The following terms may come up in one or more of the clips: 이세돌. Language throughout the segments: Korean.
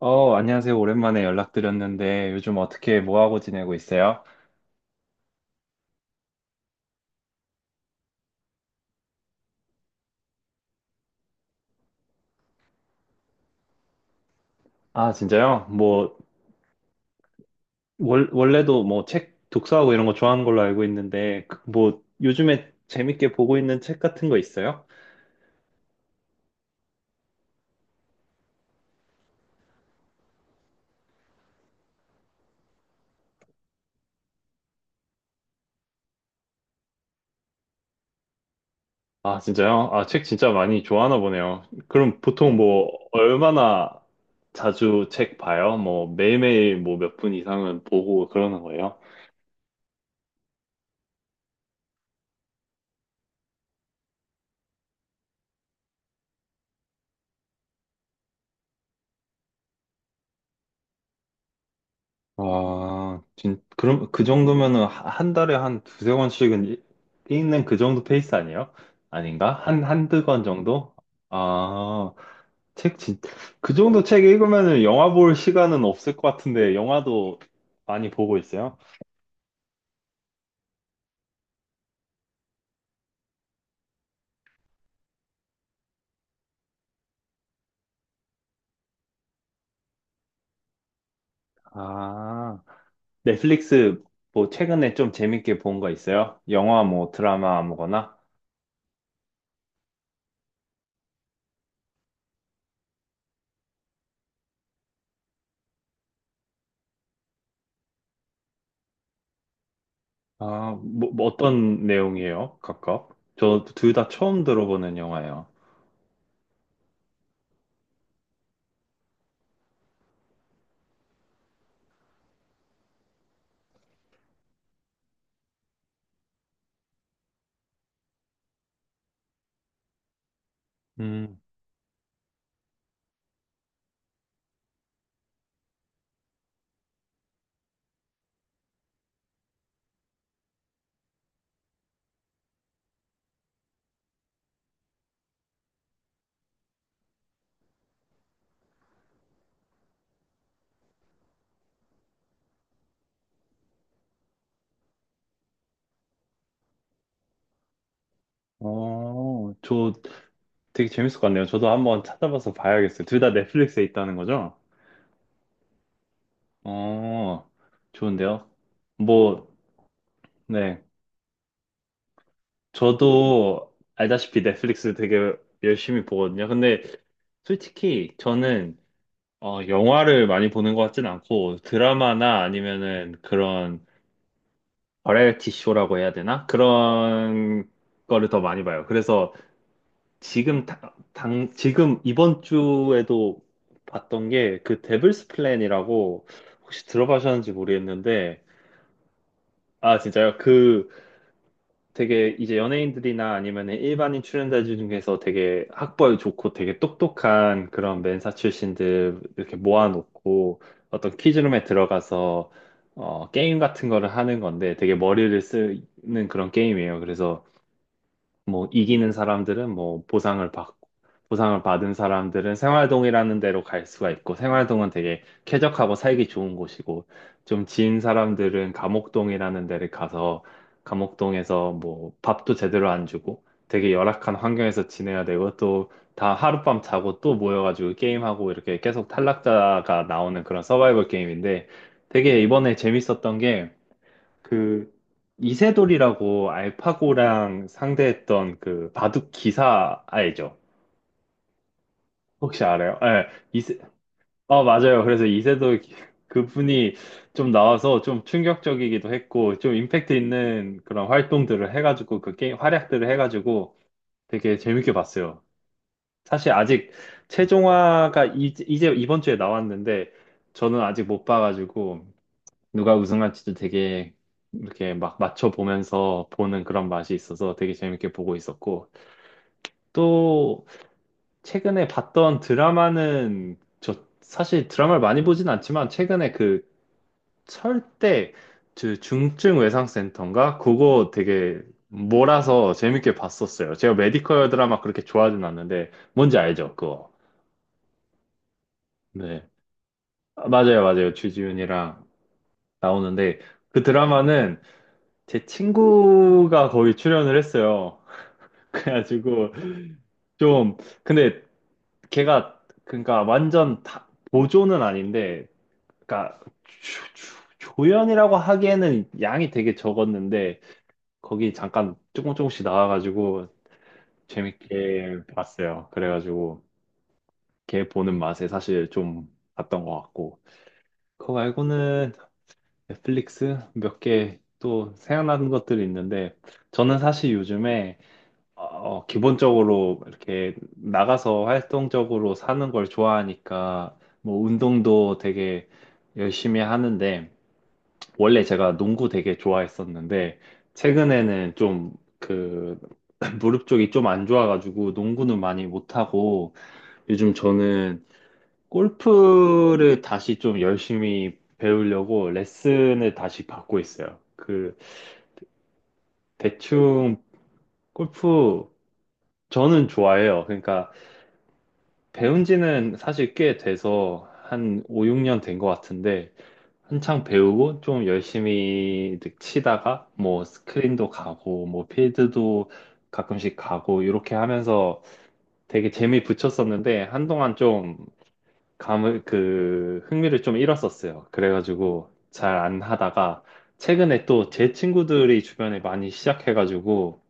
안녕하세요. 오랜만에 연락드렸는데 요즘 어떻게 뭐 하고 지내고 있어요? 아, 진짜요? 뭐 원래도 뭐 책 독서하고 이런 거 좋아하는 걸로 알고 있는데 뭐 요즘에 재밌게 보고 있는 책 같은 거 있어요? 아, 진짜요? 아, 책 진짜 많이 좋아하나 보네요. 그럼 보통 뭐 얼마나 자주 책 봐요? 뭐 매일매일 뭐 몇 분 이상은 보고 그러는 거예요? 와, 그럼 그 정도면은 한 달에 한 두세 권씩은 읽는 그 정도 페이스 아니에요? 아닌가? 한 두 권 정도? 아, 책 진, 그 정도 책 읽으면은 영화 볼 시간은 없을 것 같은데 영화도 많이 보고 있어요? 아, 넷플릭스 뭐 최근에 좀 재밌게 본 거 있어요? 영화 뭐 드라마 아무거나? 아, 뭐 어떤 내용이에요? 각각? 저 둘 다 처음 들어보는 영화예요. 음. 저 되게 재밌을 것 같네요. 저도 한번 찾아봐서 봐야겠어요. 둘 다 넷플릭스에 있다는 거죠? 어, 좋은데요? 뭐, 네. 저도 알다시피 넷플릭스 되게 열심히 보거든요. 근데 솔직히 저는 영화를 많이 보는 것 같진 않고 드라마나 아니면은 그런 버라이어티 쇼라고 해야 되나? 그런 거를 더 많이 봐요. 그래서 지금 지금 이번 주에도 봤던 게 그 데블스 플랜이라고, 혹시 들어보셨는지 모르겠는데. 아 진짜요? 그 되게 이제 연예인들이나 아니면 일반인 출연자 중에서 되게 학벌 좋고 되게 똑똑한 그런 맨사 출신들 이렇게 모아놓고 어떤 퀴즈룸에 들어가서 게임 같은 거를 하는 건데, 되게 머리를 쓰는 그런 게임이에요. 그래서 뭐 이기는 사람들은 뭐 보상을 받고, 보상을 받은 사람들은 생활동이라는 데로 갈 수가 있고, 생활동은 되게 쾌적하고 살기 좋은 곳이고, 좀 지인 사람들은 감옥동이라는 데를 가서 감옥동에서 뭐 밥도 제대로 안 주고 되게 열악한 환경에서 지내야 되고, 또 다 하룻밤 자고 또 모여가지고 게임하고 이렇게 계속 탈락자가 나오는 그런 서바이벌 게임인데 되게 이번에 재밌었던 게, 그 이세돌이라고 알파고랑 상대했던 그 바둑 기사 알죠? 혹시 알아요? 예, 이세, 어, 맞아요. 그래서 이세돌 그분이 좀 나와서 좀 충격적이기도 했고, 좀 임팩트 있는 그런 활동들을 해가지고, 그 게임 활약들을 해가지고 되게 재밌게 봤어요. 사실 아직 최종화가 이제 이번 주에 나왔는데, 저는 아직 못 봐가지고 누가 우승할지도 되게 이렇게 막 맞춰보면서 보는 그런 맛이 있어서 되게 재밌게 보고 있었고, 또 최근에 봤던 드라마는, 저 사실 드라마를 많이 보진 않지만 최근에 그 철대 그 중증 외상센터인가? 그거 되게 몰아서 재밌게 봤었어요. 제가 메디컬 드라마 그렇게 좋아하진 않는데, 뭔지 알죠? 그거. 네. 아, 맞아요, 맞아요. 주지훈이랑 나오는데, 그 드라마는 제 친구가 거기 출연을 했어요. 그래가지고 좀, 근데 걔가 그러니까 완전 보조는 아닌데, 그러니까 조연이라고 하기에는 양이 되게 적었는데 거기 잠깐 조금씩 나와가지고 재밌게 봤어요. 그래가지고 걔 보는 맛에 사실 좀 봤던 것 같고, 그거 말고는 넷플릭스 몇 개 또 생각나는 것들이 있는데 저는 사실 요즘에 어, 기본적으로 이렇게 나가서 활동적으로 사는 걸 좋아하니까 뭐 운동도 되게 열심히 하는데, 원래 제가 농구 되게 좋아했었는데 최근에는 좀 그 무릎 쪽이 좀 안 좋아가지고 농구는 많이 못하고, 요즘 저는 골프를 다시 좀 열심히 배우려고 레슨을 다시 받고 있어요. 그 대충, 골프, 저는 좋아해요. 그러니까 배운 지는 사실 꽤 돼서 한 5, 6년 된 것 같은데 한창 배우고 좀 열심히 치다가 뭐 스크린도 가고 뭐 필드도 가끔씩 가고 이렇게 하면서 되게 재미 붙였었는데, 한동안 좀 감을 그 흥미를 좀 잃었었어요. 그래가지고 잘 안 하다가 최근에 또 제 친구들이 주변에 많이 시작해가지고,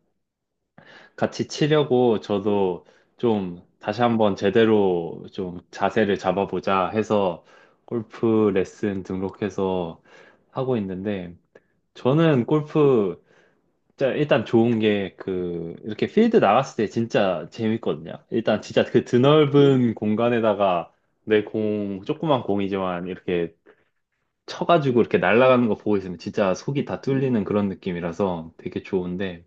같이 치려고 저도 좀 다시 한번 제대로 좀 자세를 잡아보자 해서 골프 레슨 등록해서 하고 있는데, 저는 골프 진짜 일단 좋은 게 그 이렇게 필드 나갔을 때 진짜 재밌거든요. 일단 진짜 그 드넓은 공간에다가 조그만 공이지만 이렇게 쳐가지고 이렇게 날아가는 거 보고 있으면 진짜 속이 다 뚫리는 그런 느낌이라서 되게 좋은데,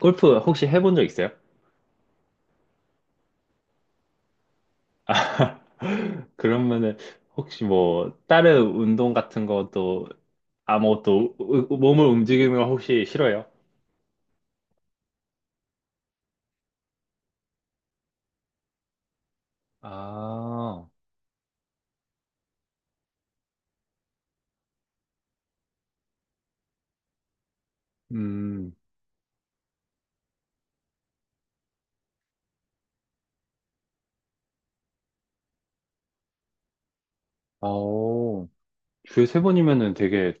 골프 혹시 해본 적 있어요? 그러면은 혹시 뭐 다른 운동 같은 것도, 아무것도 몸을 움직이는 거 혹시 싫어요? 아, 음, 아오. 주에 세 번이면은 되게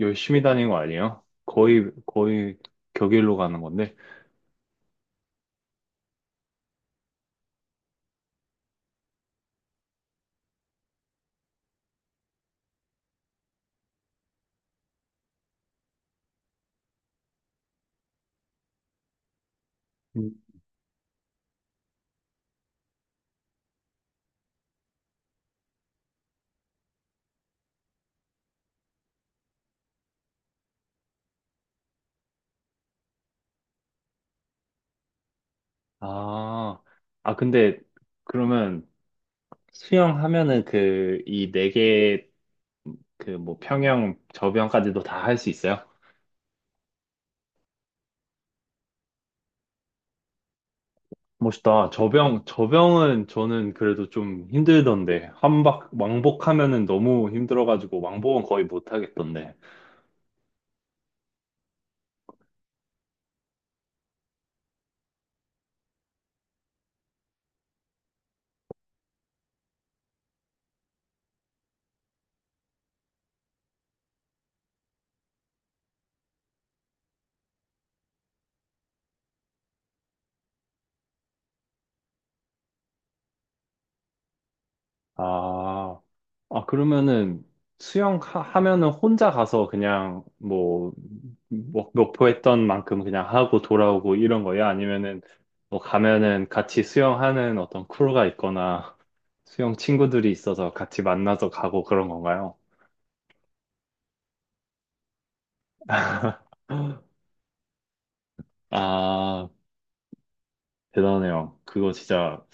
열심히 다니는 거 아니에요? 거의 격일로 가는 건데. 음. 아, 아 근데 그러면 수영하면은 이 네 개, 그 뭐 평영 저병까지도 다 할 수 있어요? 멋있다. 저병은 저는 그래도 좀 힘들던데. 왕복하면은 너무 힘들어가지고, 왕복은 거의 못하겠던데. 아, 아, 그러면은 수영 하면은 혼자 가서 그냥, 뭐, 목표했던 만큼 그냥 하고 돌아오고 이런 거야? 아니면은 뭐 가면은 같이 수영하는 어떤 크루가 있거나, 수영 친구들이 있어서 같이 만나서 가고 그런 건가요? 아, 대단해요. 그거 진짜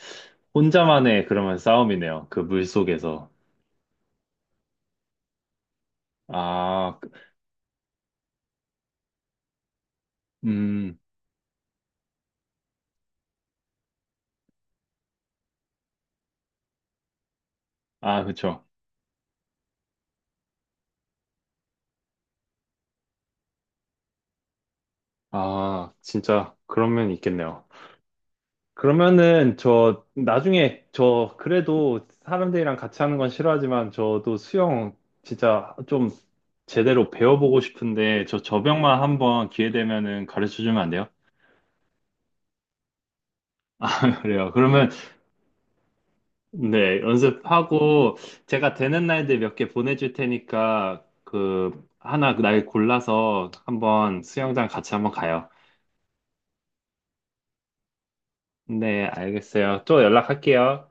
혼자만의 그러면 싸움이네요. 그 물속에서. 아, 음, 아, 그쵸. 아, 진짜 그런 면이 있겠네요. 그러면은 저 나중에 저 그래도 사람들이랑 같이 하는 건 싫어하지만 저도 수영 진짜 좀 제대로 배워보고 싶은데, 저 저병만 한번 기회 되면은 가르쳐 주면 안 돼요? 그래요. 그러면 네, 연습하고 제가 되는 날들 몇 개 보내줄 테니까 그 하나 날 골라서 한번 수영장 같이 한번 가요. 네, 알겠어요. 또 연락할게요.